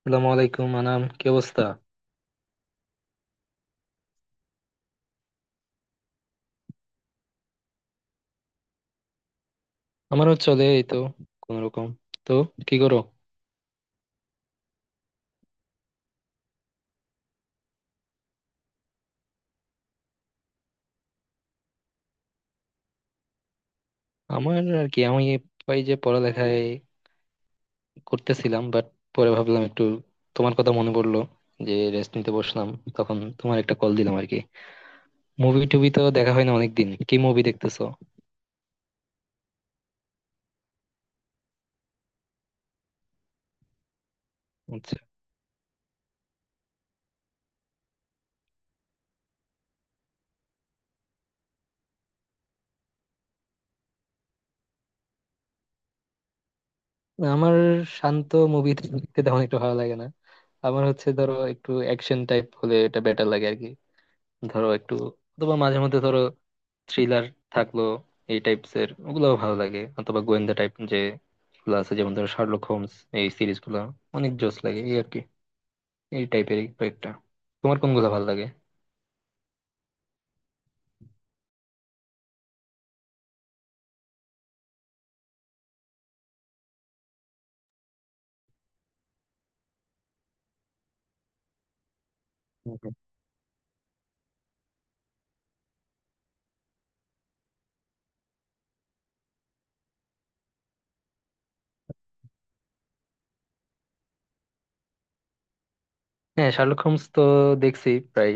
আসসালামু আলাইকুম, আনাম কি অবস্থা? আমারও চলে এই তো, কোন রকম। তো কি করো? আমার আর কি, আমি এই যে পড়ালেখায় করতেছিলাম, বাট পরে ভাবলাম একটু তোমার কথা মনে পড়লো, যে রেস্ট নিতে বসলাম, তখন তোমার একটা কল দিলাম আর কি। মুভি টুভি তো দেখা হয় না অনেকদিন, কি মুভি দেখতেছো? আচ্ছা। আমার শান্ত মুভি দেখতে তেমন একটু ভালো লাগে না। আমার হচ্ছে ধরো একটু অ্যাকশন টাইপ হলে এটা বেটার লাগে আর কি। ধরো একটু অথবা মাঝে মধ্যে ধরো থ্রিলার থাকলো, এই টাইপস এর ওগুলোও ভালো লাগে, অথবা গোয়েন্দা টাইপ যে গুলো আছে যেমন ধরো শার্লক হোমস, এই সিরিজ গুলো অনেক জোস লাগে এই আর কি, এই টাইপের কয়েকটা। তোমার কোনগুলো ভালো লাগে? হুম, হুম। হ্যাঁ, শার্লক হোমস তো দেখছি প্রায়।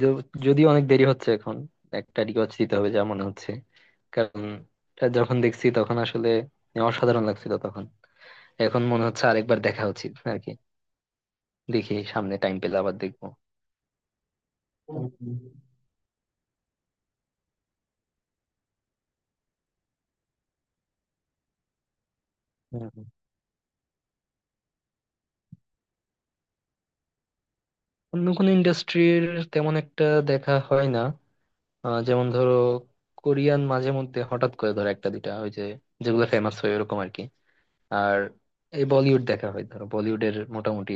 যদিও অনেক দেরি হচ্ছে এখন, একটা রিওয়াচ দিতে হবে যা মনে হচ্ছে। কারণ এটা যখন দেখছি তখন আসলে অসাধারণ লাগছিল তখন, এখন মনে হচ্ছে আরেকবার দেখা উচিত আর কি। দেখি সামনে টাইম পেলে আবার দেখবো। হুম, হুম। অন্য কোনো ইন্ডাস্ট্রির তেমন একটা দেখা হয় না। যেমন ধরো কোরিয়ান মাঝে মধ্যে হঠাৎ করে ধরো একটা দুইটা ওই যে, যেগুলো ফেমাস হয় ওরকম আর কি। আর এই বলিউড দেখা হয় ধরো, বলিউডের মোটামুটি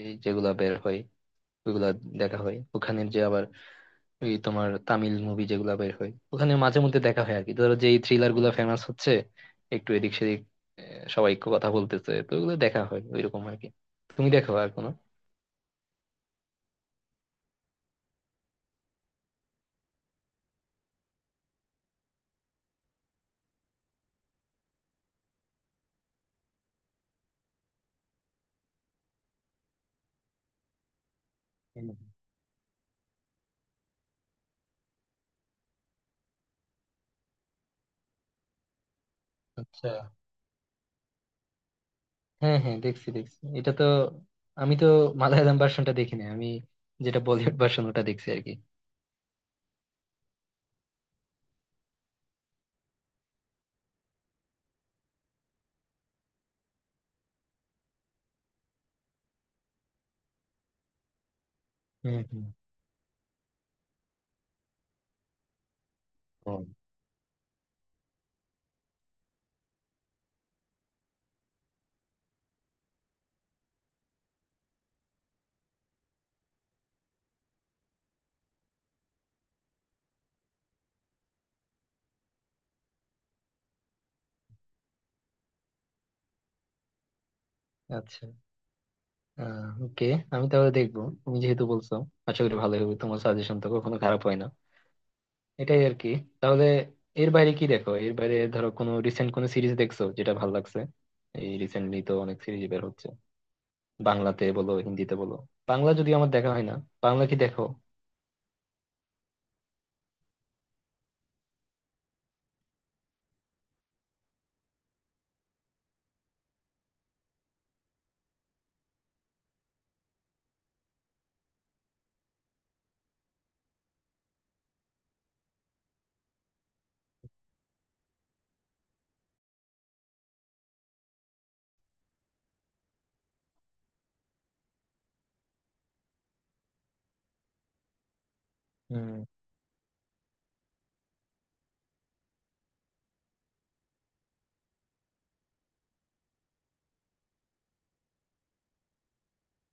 এই যেগুলা বের হয় ওইগুলা দেখা হয়। ওখানের যে আবার ওই তোমার তামিল মুভি যেগুলা বের হয় ওখানে মাঝে মধ্যে দেখা হয় আর কি, ধরো যেই থ্রিলার গুলা ফেমাস হচ্ছে একটু এদিক সেদিক, সবাই কথা বলতেছে তো ওগুলো দেখা হয় ওইরকম আর কি। তুমি দেখো আর কোনো? হুম। আচ্ছা। হ্যাঁ হ্যাঁ, দেখছি দেখছি, এটা তো আমি তো মালায়ালাম ভার্সনটা দেখি না আমি, যেটা বলিউড ভার্সন ওটা দেখছি আর কি। হুম হুম। হুম। আচ্ছা। আহ, ওকে। আমি তাহলে দেখবো তুমি যেহেতু বলছো। আশা করি ভালো হবে, তোমার সাজেশন তো কখনো খারাপ হয় না, এটাই আর কি। তাহলে এর বাইরে কি দেখো? এর বাইরে ধরো কোনো রিসেন্ট কোনো সিরিজ দেখছো যেটা ভালো লাগছে? এই রিসেন্টলি তো অনেক সিরিজ বের হচ্ছে, বাংলাতে বলো হিন্দিতে বলো। বাংলা যদি আমার দেখা হয় না, বাংলা কি দেখো?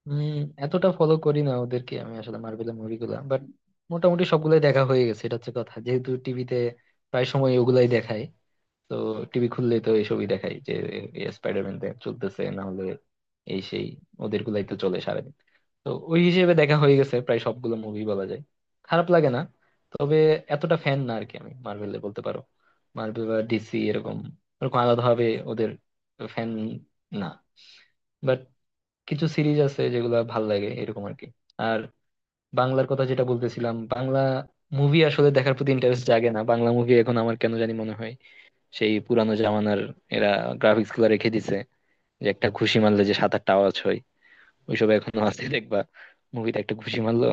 উম এতটা ফলো করি না ওদেরকে আমি আসলে, মার্বেলের মুভিগুলা বাট মোটামুটি সবগুলাই দেখা হয়ে গেছে। এটা হচ্ছে কথা, যেহেতু টিভিতে প্রায় সময় ওগুলাই দেখায়। তো টিভি খুললেই তো এইসবই দেখায় যে স্পাইডারম্যান চলতেছে, না হলে এই সেই, ওদের গুলাই তো চলে সারাদিন। তো ওই হিসেবে দেখা হয়ে গেছে প্রায় সবগুলো মুভি বলা যায়। খারাপ লাগে না, তবে এতটা ফ্যান না আর কি আমি মার্ভেলে বলতে পারো। মার্ভেল বা ডিসি এরকম, এরকম আলাদা ভাবে ওদের ফ্যান না। কিছু সিরিজ আছে যেগুলা ভাল লাগে এরকম আর কি। আর বাংলার কথা যেটা বলতেছিলাম, বাংলা মুভি আসলে দেখার প্রতি ইন্টারেস্ট জাগে না। বাংলা মুভি এখন আমার কেন জানি মনে হয় সেই পুরানো জামানার এরা গ্রাফিক্স গুলা রেখে দিছে, যে একটা ঘুষি মারলে যে সাত আটটা আওয়াজ হয়, ওইসব এখনো আছে দেখবা। মুভিতে একটা ঘুষি মারলো,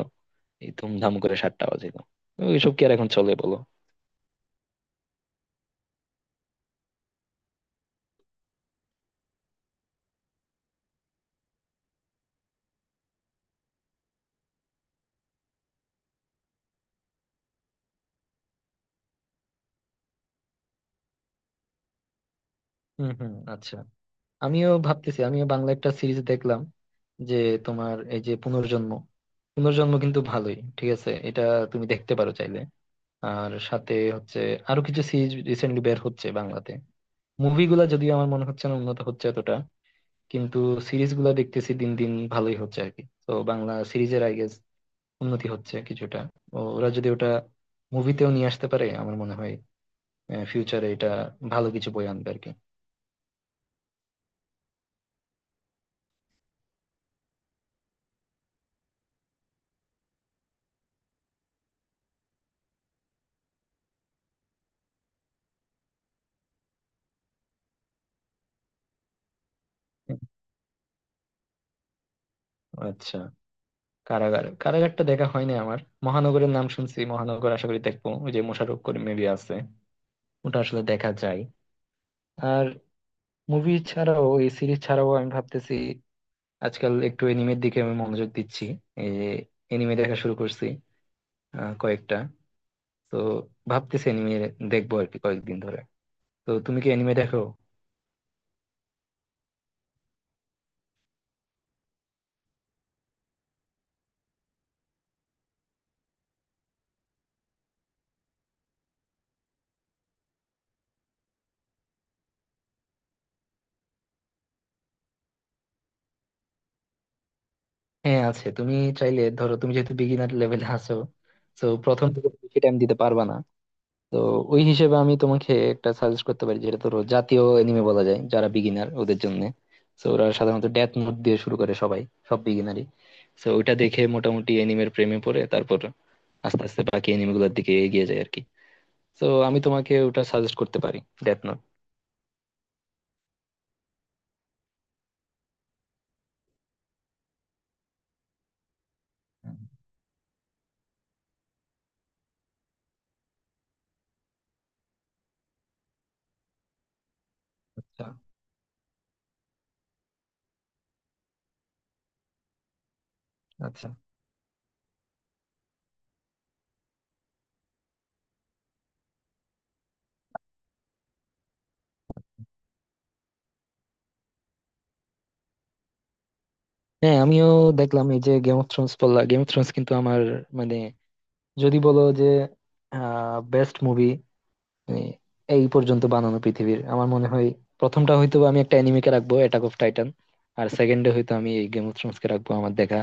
এই ধুমধাম করে সাতটা আওয়াজ এলো, ওইসব কি আর এখন চলে বলো। হম হম, আচ্ছা। আমিও ভাবতেছি, আমিও বাংলা একটা সিরিজ দেখলাম, যে তোমার এই যে পুনর্জন্ম। পুনর্জন্ম কিন্তু ভালোই, ঠিক আছে এটা, তুমি দেখতে পারো চাইলে। আর সাথে হচ্ছে আরো কিছু সিরিজ রিসেন্টলি বের হচ্ছে বাংলাতে। মুভিগুলা যদিও আমার মনে হচ্ছে না উন্নত হচ্ছে এতটা, কিন্তু সিরিজ গুলা দেখতেছি দিন দিন ভালোই হচ্ছে আর কি। তো বাংলা সিরিজের আই গেস উন্নতি হচ্ছে কিছুটা। ওরা যদি ওটা মুভিতেও নিয়ে আসতে পারে, আমার মনে হয় ফিউচারে এটা ভালো কিছু বই আনবে আর কি। আচ্ছা। কারাগার কারাগারটা দেখা হয়নি আমার। মহানগরের নাম শুনছি, মহানগর আশা করি দেখবো, ওই যে মোশাররফ করিম মুভি আছে, ওটা আসলে দেখা যায়। আর মুভি ছাড়াও এই সিরিজ ছাড়াও আমি ভাবতেছি আজকাল একটু এনিমের দিকে আমি মনোযোগ দিচ্ছি, এই যে এনিমে দেখা শুরু করছি কয়েকটা। তো ভাবতেছি এনিমে দেখবো আর কি কয়েকদিন ধরে। তো তুমি কি এনিমে দেখো? হ্যাঁ আছে। তুমি চাইলে ধরো, তুমি যেহেতু বিগিনার লেভেলে আছো, তো প্রথম থেকে বেশি টাইম দিতে পারবা না, তো ওই হিসেবে আমি তোমাকে একটা সাজেস্ট করতে পারি যেটা ধরো জাতীয় এনিমে বলা যায় যারা বিগিনার ওদের জন্য। তো ওরা সাধারণত ডেথ নোট দিয়ে শুরু করে সবাই, সব বিগিনারই। তো ওইটা দেখে মোটামুটি এনিমের প্রেমে পড়ে, তারপর আস্তে আস্তে বাকি এনিমে গুলোর দিকে এগিয়ে যায় আর কি। তো আমি তোমাকে ওটা সাজেস্ট করতে পারি, ডেথ নোট। হুম, আচ্ছা আচ্ছা। হ্যাঁ, আমিও দেখলাম এই যে গেম অফ থ্রোনস বললা, গেম অফ থ্রোনস কিন্তু আমার, মানে যদি বলো যে বেস্ট মুভি, মানে এই পর্যন্ত বানানো পৃথিবীর, আমার মনে হয় প্রথমটা হয়তো আমি একটা অ্যানিমেকে রাখবো, অ্যাটাক অফ টাইটান। আর সেকেন্ডে হয়তো আমি এই গেম অফ থ্রোনস কে রাখবো আমার দেখা।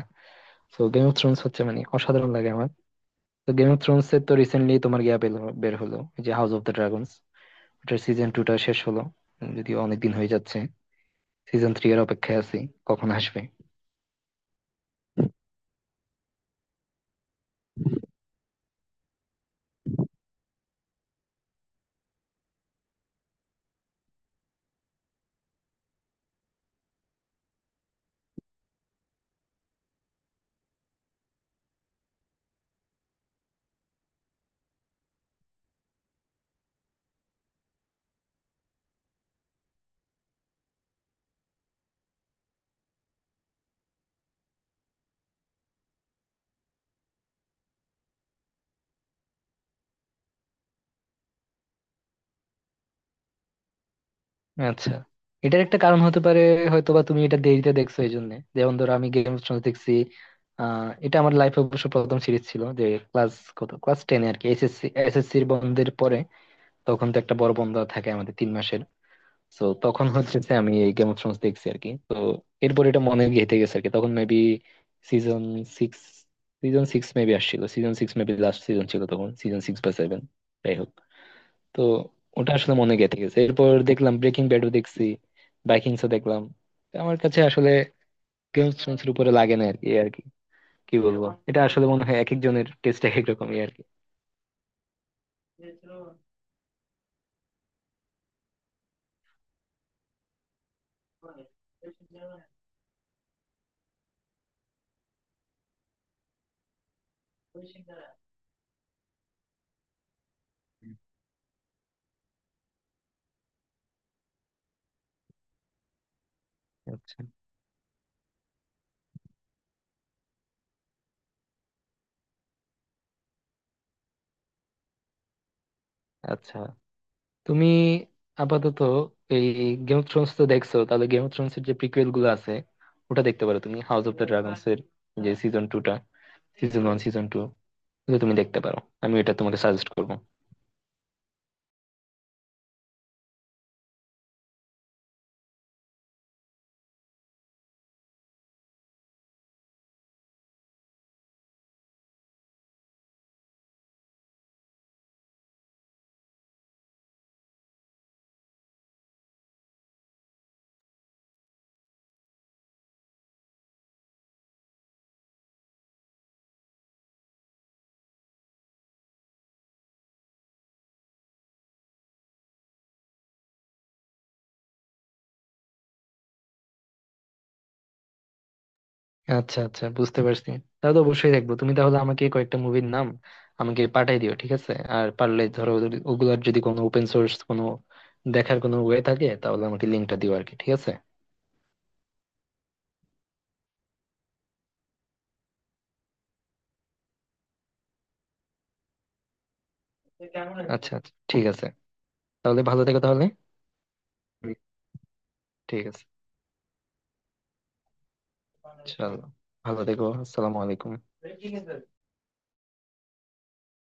তো গেম অফ থ্রোনস হচ্ছে মানে অসাধারণ লাগে আমার। তো গেম অফ থ্রোনস এর তো রিসেন্টলি তোমার গিয়া বের হলো ওই যে হাউস অফ দ্য ড্রাগনস, ওটার সিজন টু টা শেষ হলো। যদিও অনেকদিন হয়ে যাচ্ছে, সিজন থ্রি এর অপেক্ষায় আছি কখন আসবে। আচ্ছা। এটার একটা কারণ হতে পারে হয়তো বা তুমি এটা দেরিতে দেখছো এই জন্য। যেমন ধরো আমি গেম অফ থ্রোনস দেখছি, এটা আমার লাইফে অবশ্য প্রথম সিরিজ ছিল যে ক্লাস, কত ক্লাস টেনে আর কি, এসএসসি এসএসসির বন্ধের পরে। তখন তো একটা বড় বন্ধ থাকে আমাদের 3 মাসের। তো তখন হচ্ছে যে আমি এই গেম অফ থ্রোনস দেখছি আর কি। তো এরপর এটা মনে গেঁথে গেছে আর কি, তখন maybe season six, season six maybe আসছিল, season six maybe last season ছিল তখন, সিজন সিক্স বা সেভেন। তো ওটা আসলে মনে গেঁথে গেছে। এরপর দেখলাম ব্রেকিং ব্যাডও দেখছি, ভাইকিংসও দেখলাম। তো আমার কাছে আসলে গেম অফ থ্রোনস এর উপরে লাগে না আর কি। কি বলবো, এটা আসলে মনে হয় এক একজনের টেস্ট এক এক রকমই আর কি। আচ্ছা আচ্ছা। তুমি আপাতত এই গেম অফ থ্রোনস তো দেখছো, তাহলে গেম অফ থ্রোনস এর যে প্রিকুয়েল গুলো আছে, ওটা দেখতে পারো তুমি, হাউস অফ দ্য ড্রাগনস এর যে সিজন টু টা, সিজন ওয়ান সিজন টু, এগুলো তুমি দেখতে পারো। আমি এটা তোমাকে সাজেস্ট করবো। আচ্ছা আচ্ছা বুঝতে পারছি। তাহলে তো অবশ্যই দেখবো। তুমি তাহলে আমাকে কয়েকটা মুভির নাম আমাকে পাঠাই দিও, ঠিক আছে? আর পারলে ধরো ওগুলার যদি কোনো ওপেন সোর্স কোনো দেখার কোনো ওয়ে থাকে, তাহলে আমাকে লিঙ্কটা দিও আর কি, ঠিক আছে? আচ্ছা আচ্ছা ঠিক আছে, তাহলে ভালো থেকো তাহলে। ঠিক আছে, চলো, ভালো থেকো, আসসালামু আলাইকুম।